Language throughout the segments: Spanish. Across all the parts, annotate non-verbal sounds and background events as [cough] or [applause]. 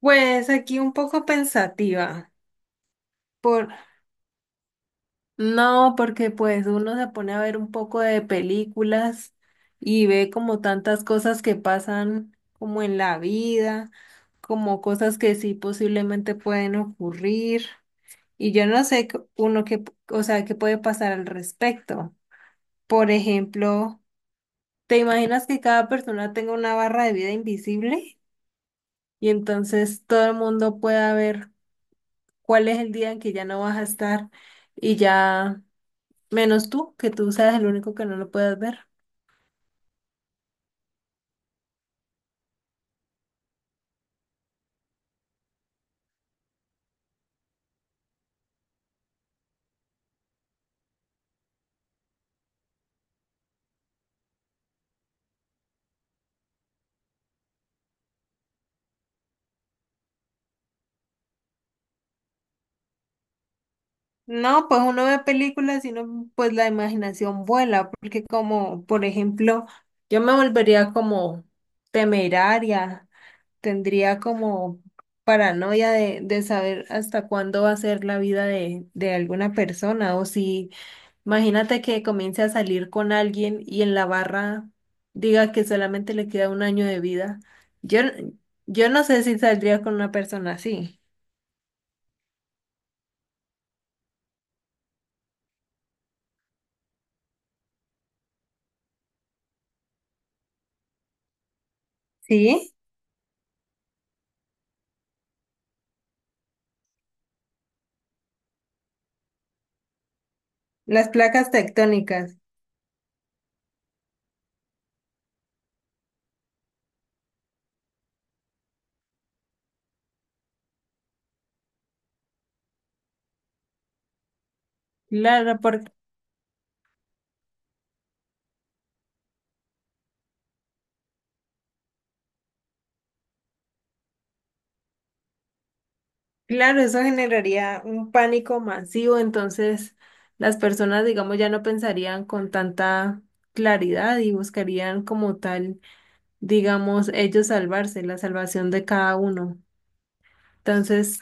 Pues aquí un poco pensativa. Por... No, porque pues uno se pone a ver un poco de películas y ve como tantas cosas que pasan como en la vida, como cosas que sí posiblemente pueden ocurrir. Y yo no sé c- uno que, o sea, qué puede pasar al respecto. Por ejemplo, ¿te imaginas que cada persona tenga una barra de vida invisible? Y entonces todo el mundo pueda ver cuál es el día en que ya no vas a estar y ya, menos tú, que tú seas el único que no lo puedas ver. No, pues uno ve películas y no, pues la imaginación vuela, porque como, por ejemplo, yo me volvería como temeraria, tendría como paranoia de saber hasta cuándo va a ser la vida de alguna persona o si Imagínate que comience a salir con alguien y en la barra diga que solamente le queda un año de vida. Yo, yo no sé si saldría con una persona así. Sí, las placas tectónicas. Claro, porque, claro, eso generaría un pánico masivo, entonces las personas, digamos, ya no pensarían con tanta claridad y buscarían como tal, digamos, ellos salvarse, la salvación de cada uno. Entonces,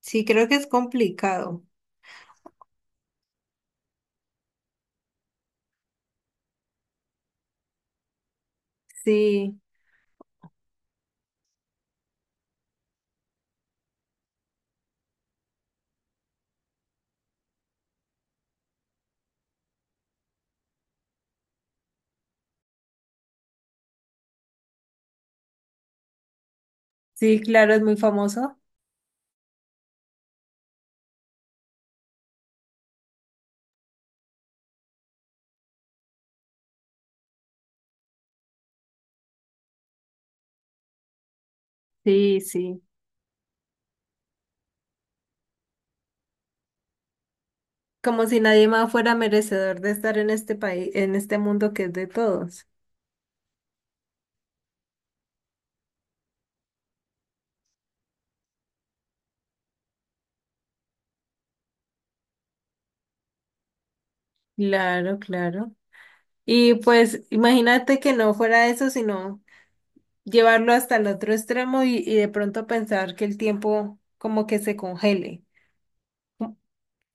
sí, creo que es complicado. Sí. Sí, claro, es muy famoso. Sí, sí. Como si nadie más fuera merecedor de estar en este país, en este mundo que es de todos. Claro, claro. Y pues imagínate que no fuera eso, sino llevarlo hasta el otro extremo y de pronto pensar que el tiempo como que se congele, co-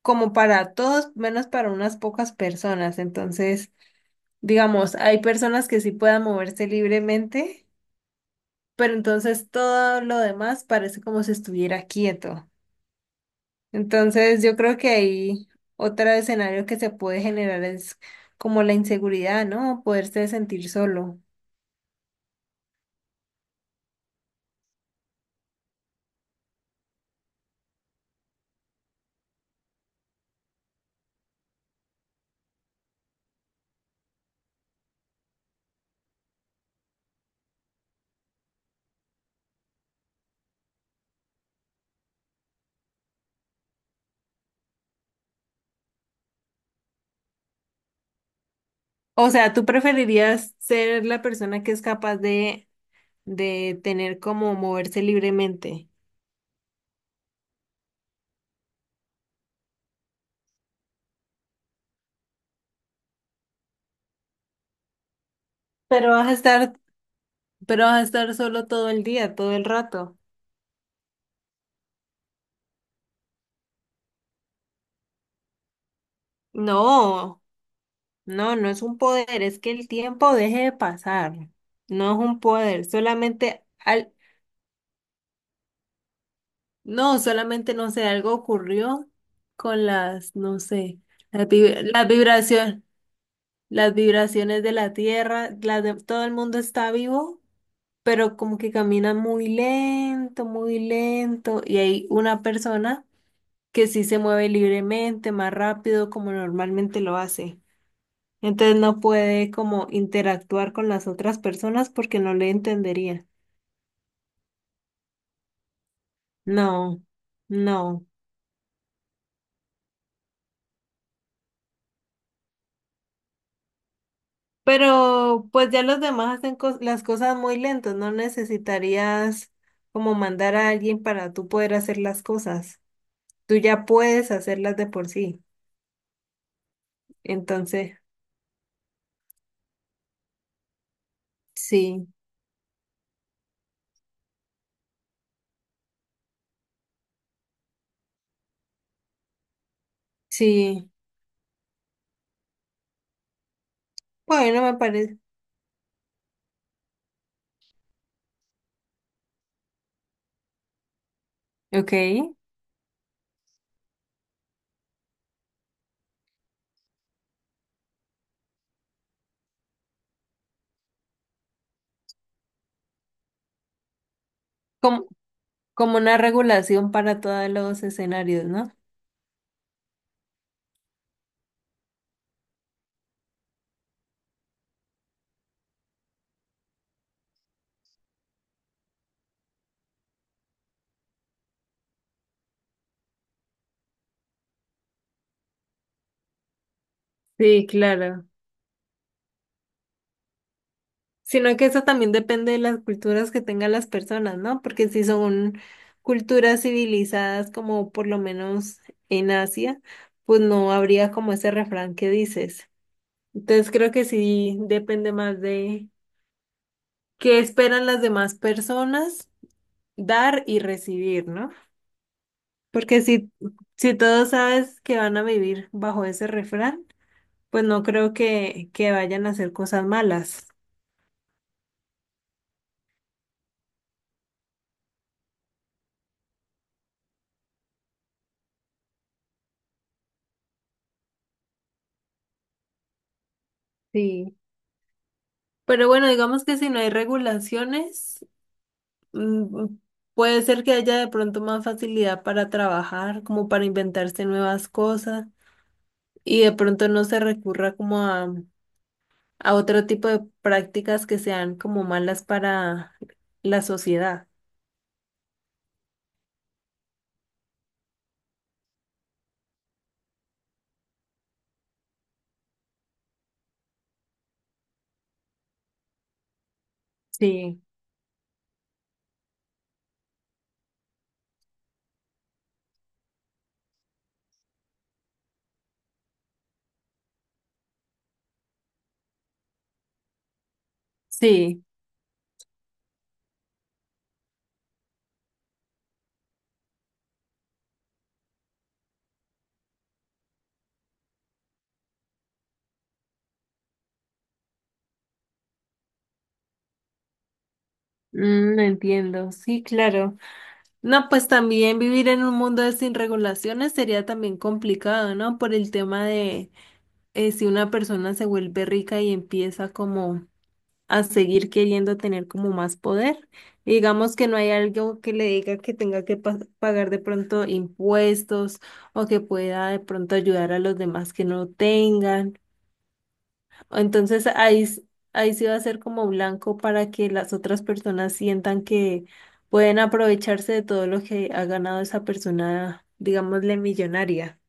como para todos, menos para unas pocas personas. Entonces, digamos, hay personas que sí puedan moverse libremente, pero entonces todo lo demás parece como si estuviera quieto. Entonces, yo creo que ahí otro escenario que se puede generar es como la inseguridad, ¿no? Poderse sentir solo. O sea, ¿tú preferirías ser la persona que es capaz de tener como moverse libremente? Pero vas a estar, pero vas a estar solo todo el día, todo el rato. No, no, no es un poder, es que el tiempo deje de pasar. No es un poder, solamente no sé, algo ocurrió con las, no sé, las, vibraciones, las vibraciones de la tierra, las de, todo el mundo está vivo, pero como que camina muy lento, y hay una persona que sí se mueve libremente, más rápido, como normalmente lo hace. Entonces no puede como interactuar con las otras personas porque no le entendería. No, no. Pero pues ya los demás hacen cos- las cosas muy lentos, no necesitarías como mandar a alguien para tú poder hacer las cosas. Tú ya puedes hacerlas de por sí. Entonces, sí, sí. Bueno, me parece. Ok. Como, como una regulación para todos los escenarios, ¿no? Sí, claro. Sino que eso también depende de las culturas que tengan las personas, ¿no? Porque si son culturas civilizadas, como por lo menos en Asia, pues no habría como ese refrán que dices. Entonces creo que sí depende más de qué esperan las demás personas dar y recibir, ¿no? Porque si todos sabes que van a vivir bajo ese refrán, pues no creo que vayan a hacer cosas malas. Sí. Pero bueno, digamos que si no hay regulaciones. Mm, mm, Puede ser que haya de pronto más facilidad para trabajar, como para inventarse nuevas cosas y de pronto no se recurra como a otro tipo de prácticas que sean como malas para la sociedad. Sí, sí, mm, entiendo, sí, claro. No, pues también vivir en un mundo de sin regulaciones sería también complicado, ¿no? Por el tema de si una persona se vuelve rica y empieza como a seguir queriendo tener como más poder. Y digamos que no hay algo que le diga que tenga que pa- pagar de pronto impuestos o que pueda de pronto ayudar a los demás que no tengan. O Entonces ahí, s- ahí sí va a ser como blanco para que las otras personas sientan que pueden aprovecharse de todo lo que ha ganado esa persona, digámosle millonaria.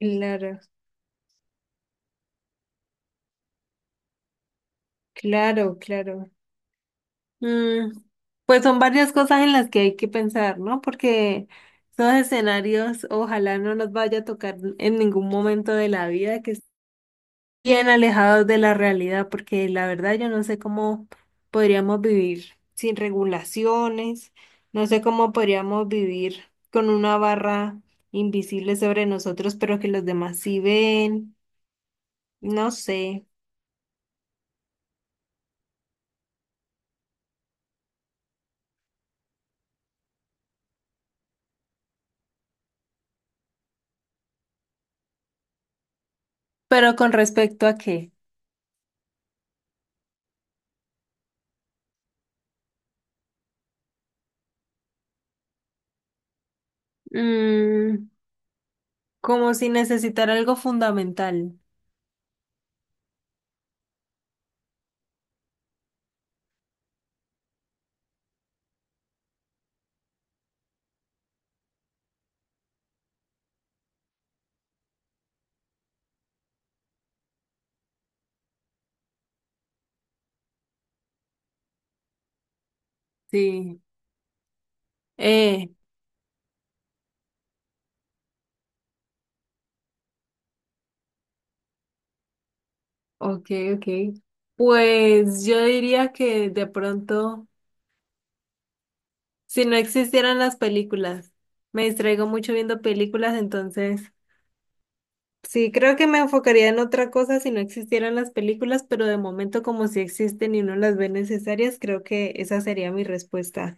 Claro, claro, claro. Mm, pues son varias cosas en las que hay que pensar, ¿no? Porque esos escenarios ojalá no nos vaya a tocar en ningún momento de la vida que estén bien alejados de la realidad, porque la verdad yo no sé cómo podríamos vivir sin regulaciones, no sé cómo podríamos vivir con una barra invisible sobre nosotros, pero que los demás sí ven, no sé. ¿Pero con respecto a qué? Mm, como si necesitar algo fundamental. Sí, eh, ok, ok. Pues yo diría que de pronto, si no existieran las películas, me distraigo mucho viendo películas, entonces sí, creo que me enfocaría en otra cosa si no existieran las películas, pero de momento como si existen y no las ve necesarias, creo que esa sería mi respuesta.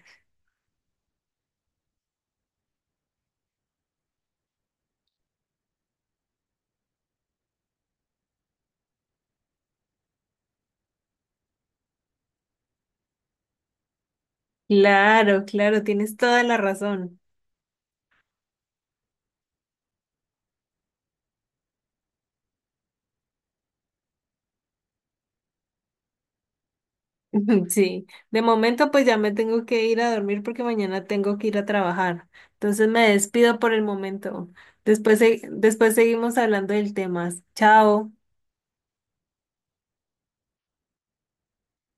Claro, claro, tienes toda la razón. [laughs] Sí, de momento pues ya me tengo que ir a dormir porque mañana tengo que ir a trabajar. Entonces me despido por el momento. Después, se- después seguimos hablando del tema. Chao.